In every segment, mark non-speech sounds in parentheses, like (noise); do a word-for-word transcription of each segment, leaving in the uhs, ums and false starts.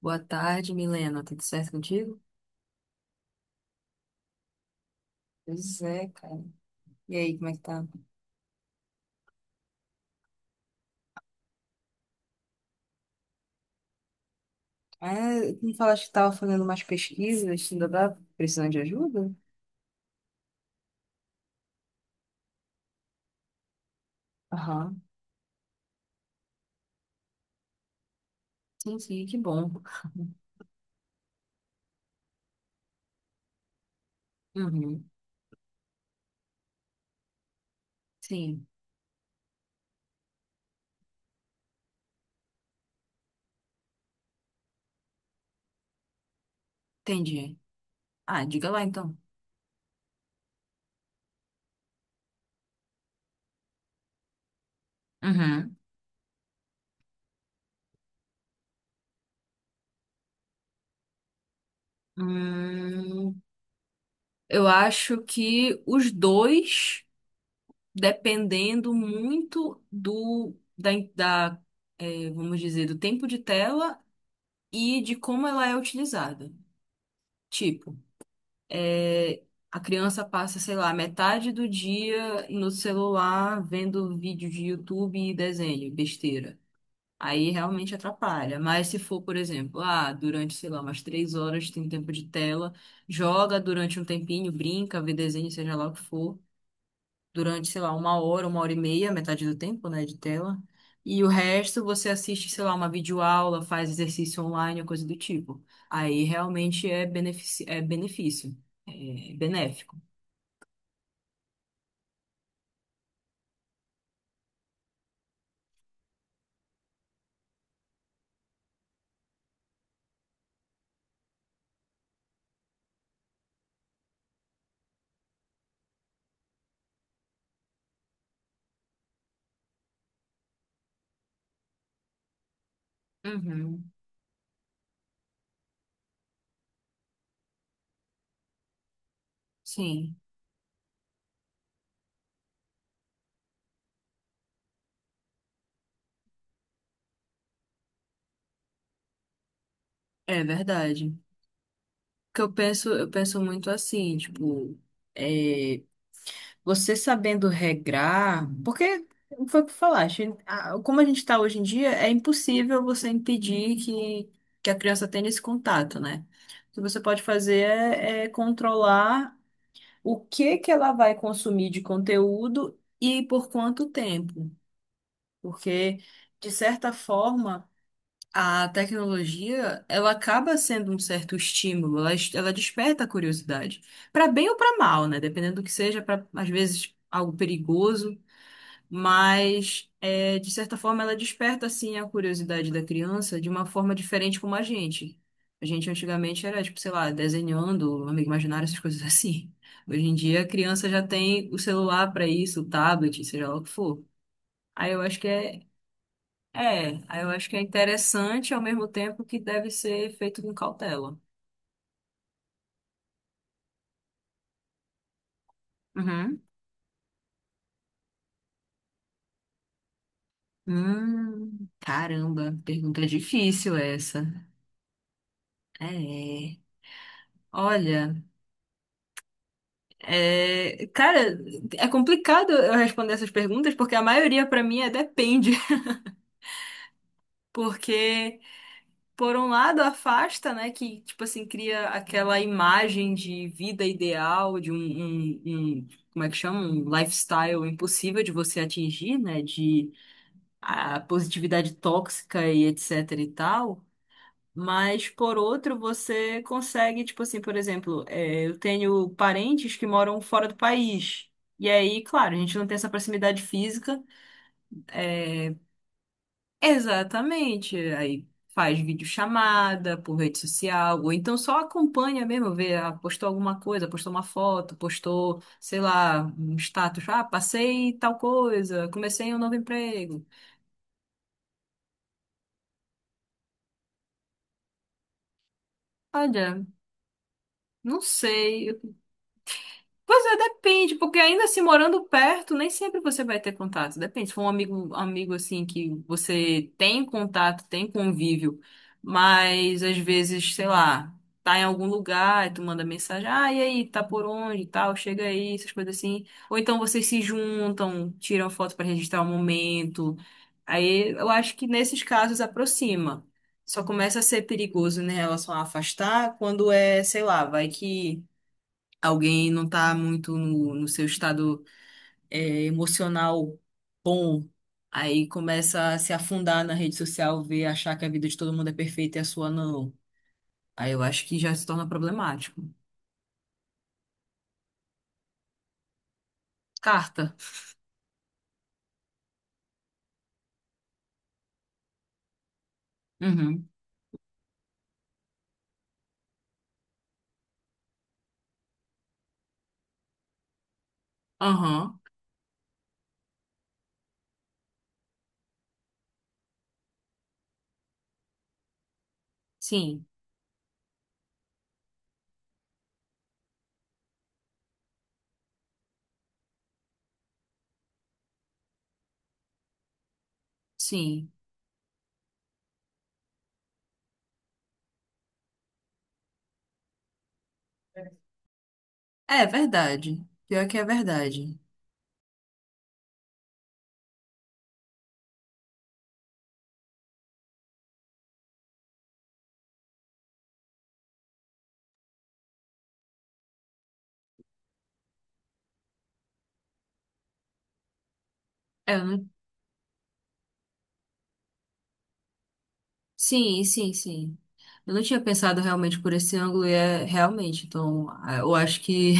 Boa tarde, Milena. Tudo certo contigo? Pois é, cara. E aí, como é que tá? Ah, tu me falaste que tava fazendo umas pesquisas, ainda tá precisando de ajuda? Aham. Sim, sim, que bom. Uhum. Sim, entendi. Ah, diga lá então. Uhum. Hum, eu acho que os dois, dependendo muito do da, da, eh, vamos dizer, do tempo de tela e de como ela é utilizada. Tipo, é, a criança passa, sei lá, metade do dia no celular vendo vídeo de YouTube e desenho, besteira. Aí realmente atrapalha. Mas se for, por exemplo, ah, durante, sei lá, umas três horas tem tempo de tela, joga durante um tempinho, brinca, vê desenho, seja lá o que for durante, sei lá, uma hora, uma hora e meia, metade do tempo, né, de tela. E o resto você assiste, sei lá, uma videoaula, faz exercício online, coisa do tipo. Aí realmente é benefici- é benefício, é benéfico. Uhum. Sim, é verdade. que eu penso, eu penso muito assim, tipo, é, você sabendo regrar, porque foi o que falaste, a- como a gente está hoje em dia, é impossível você impedir que, que a criança tenha esse contato, né? O que você pode fazer é, é controlar o que que ela vai consumir de conteúdo e por quanto tempo. Porque, de certa forma, a tecnologia, ela acaba sendo um certo estímulo, ela, es- ela desperta a curiosidade, para bem ou para mal, né? Dependendo do que seja, para às vezes algo perigoso, mas é, de certa forma ela desperta assim a curiosidade da criança de uma forma diferente como a gente. A gente antigamente era tipo, sei lá, desenhando, amigo imaginário, essas coisas (laughs) assim. Hoje em dia a criança já tem o celular para isso, o tablet, seja lá o que for. Aí eu acho que é é, aí eu acho que é interessante ao mesmo tempo que deve ser feito com cautela. Uhum. Hum, caramba, pergunta difícil essa. É. Olha, é, cara, é complicado eu responder essas perguntas porque a maioria pra mim é depende, (laughs) porque por um lado afasta, né, que tipo assim cria aquela imagem de vida ideal, de um, um- um- como é que chama, um lifestyle impossível de você atingir, né, de a positividade tóxica e etc e tal, mas por outro você consegue, tipo assim, por exemplo, é, eu tenho parentes que moram fora do país. E aí, claro, a gente não tem essa proximidade física. É, exatamente. Aí faz videochamada por rede social, ou então só acompanha mesmo, vê, ah, postou alguma coisa, postou uma foto, postou, sei lá, um status, ah, passei tal coisa, comecei um novo emprego. Olha, não sei. Pois é, depende, porque ainda assim, morando perto, nem sempre você vai ter contato. Depende, se for um amigo, amigo assim que você tem contato, tem convívio, mas às vezes, sei lá, tá em algum lugar e tu manda mensagem, ah, e aí, tá por onde e tal, chega aí, essas coisas assim. Ou então vocês se juntam, tiram foto pra registrar o momento. Aí eu acho que nesses casos aproxima. Só começa a ser perigoso, né, em relação a afastar, quando é, sei lá, vai que alguém não tá muito no, no seu estado é, emocional bom, aí começa a se afundar na rede social, ver, achar que a vida de todo mundo é perfeita e a sua não. Aí eu acho que já se torna problemático. Carta. Uhum. Aham. Sim. Sim. É verdade. Pior que é verdade. É, eu não... Sim, sim, sim. Eu não tinha pensado realmente por esse ângulo e é realmente. Então, ah, eu acho que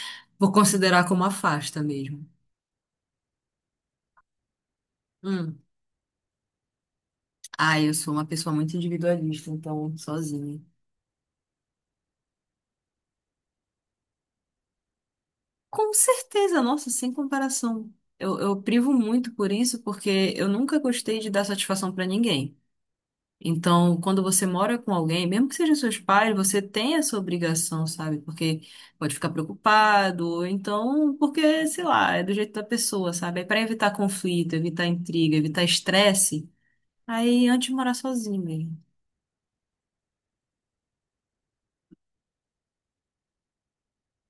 (laughs) vou considerar como afasta mesmo. Hum. Ah, eu sou uma pessoa muito individualista, então, sozinha. Com certeza, nossa, sem comparação. Eu, eu privo muito por isso, porque eu nunca gostei de dar satisfação pra ninguém. Então, quando você mora com alguém, mesmo que sejam seus pais, você tem essa obrigação, sabe? Porque pode ficar preocupado, ou então, porque, sei lá, é do jeito da pessoa, sabe? É pra evitar conflito, evitar intriga, evitar estresse. Aí, antes de morar sozinho mesmo.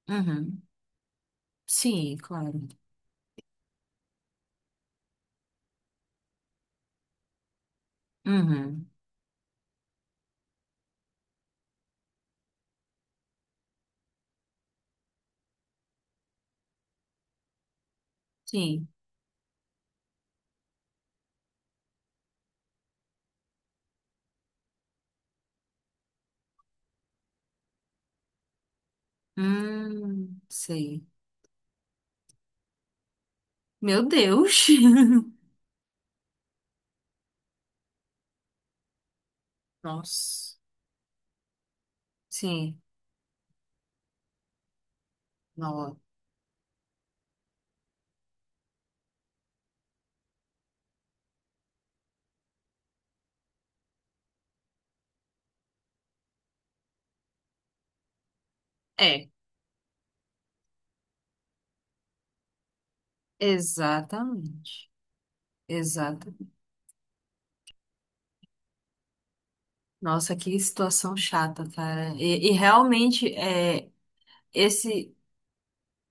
Uhum. Sim, claro. Uhum. Sim. Hum, sei. Meu Deus. (laughs) Nossa. Sim, não. É, exatamente. Exato. Nossa, que situação chata, cara. E, e realmente é esse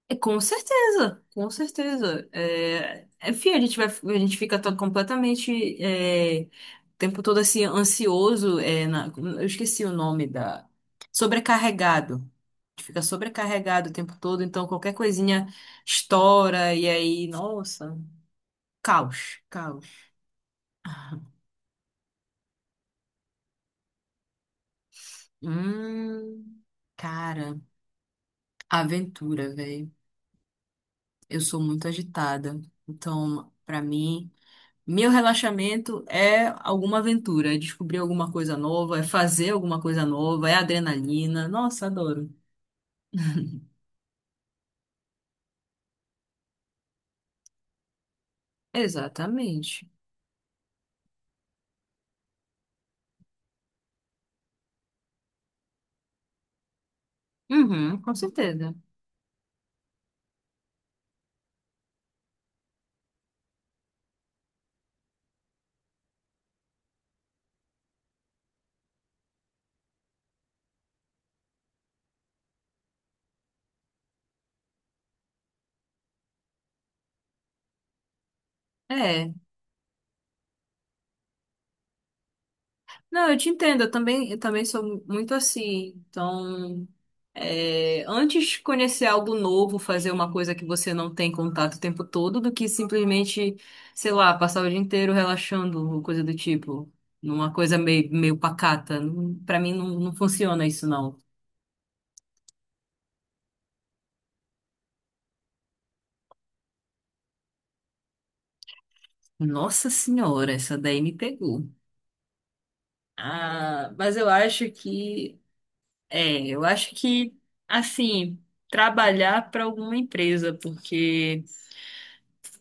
É, com certeza, com certeza. É, é, a gente vai, a gente fica todo completamente é, o tempo todo assim ansioso. É, na- eu esqueci o nome da. Sobrecarregado. A gente fica sobrecarregado o tempo todo, então qualquer coisinha estoura e aí, nossa, caos, caos. (laughs) Hum, cara, aventura, velho. Eu sou muito agitada. Então, pra mim. Meu relaxamento é alguma aventura, é descobrir alguma coisa nova, é fazer alguma coisa nova, é adrenalina. Nossa, adoro. Exatamente. Uhum, com certeza. É. Não, eu te entendo, eu também, eu também sou muito assim. Então, é, antes de conhecer algo novo, fazer uma coisa que você não tem contato o tempo todo, do que simplesmente, sei lá, passar o dia inteiro relaxando, ou coisa do tipo. Numa coisa meio, meio pacata. Não- pra mim não, não funciona isso, não. Nossa senhora, essa daí me pegou. Ah, mas eu acho que, é, eu acho que, assim, trabalhar para alguma empresa, porque,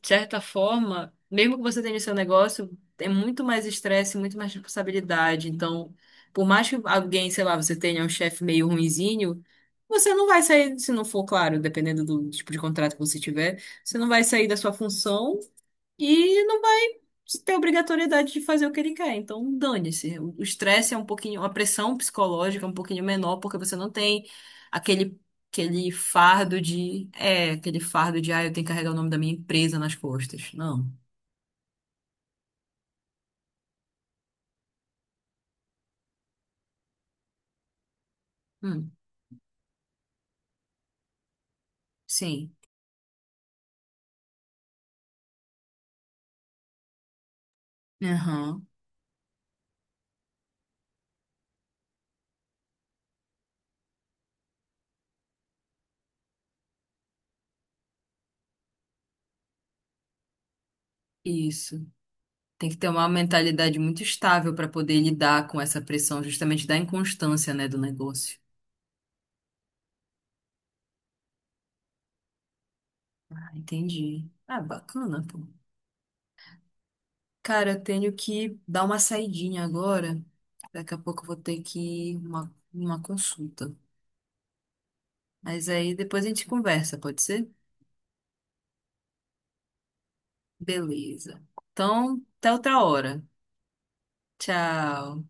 de certa forma, mesmo que você tenha o seu negócio, é muito mais estresse, muito mais responsabilidade. Então, por mais que alguém, sei lá, você tenha um chefe meio ruinzinho, você não vai sair, se não for, claro, dependendo do tipo de contrato que você tiver, você não vai sair da sua função. E não tem obrigatoriedade de fazer o que ele quer. Então, dane-se. O o estresse é um pouquinho, a pressão psicológica é um pouquinho menor, porque você não tem aquele, aquele fardo de, é, aquele fardo de, ah, eu tenho que carregar o nome da minha empresa nas costas. Não. Hum, sim. Aham. Isso. Tem que ter uma mentalidade muito estável para poder lidar com essa pressão, justamente da inconstância, né, do negócio. Ah, entendi. Ah, bacana, pô. Cara, eu tenho que dar uma saidinha agora. Daqui a pouco eu vou ter que ir uma, uma consulta. Mas aí depois a gente conversa, pode ser? Beleza. Então, até outra hora. Tchau.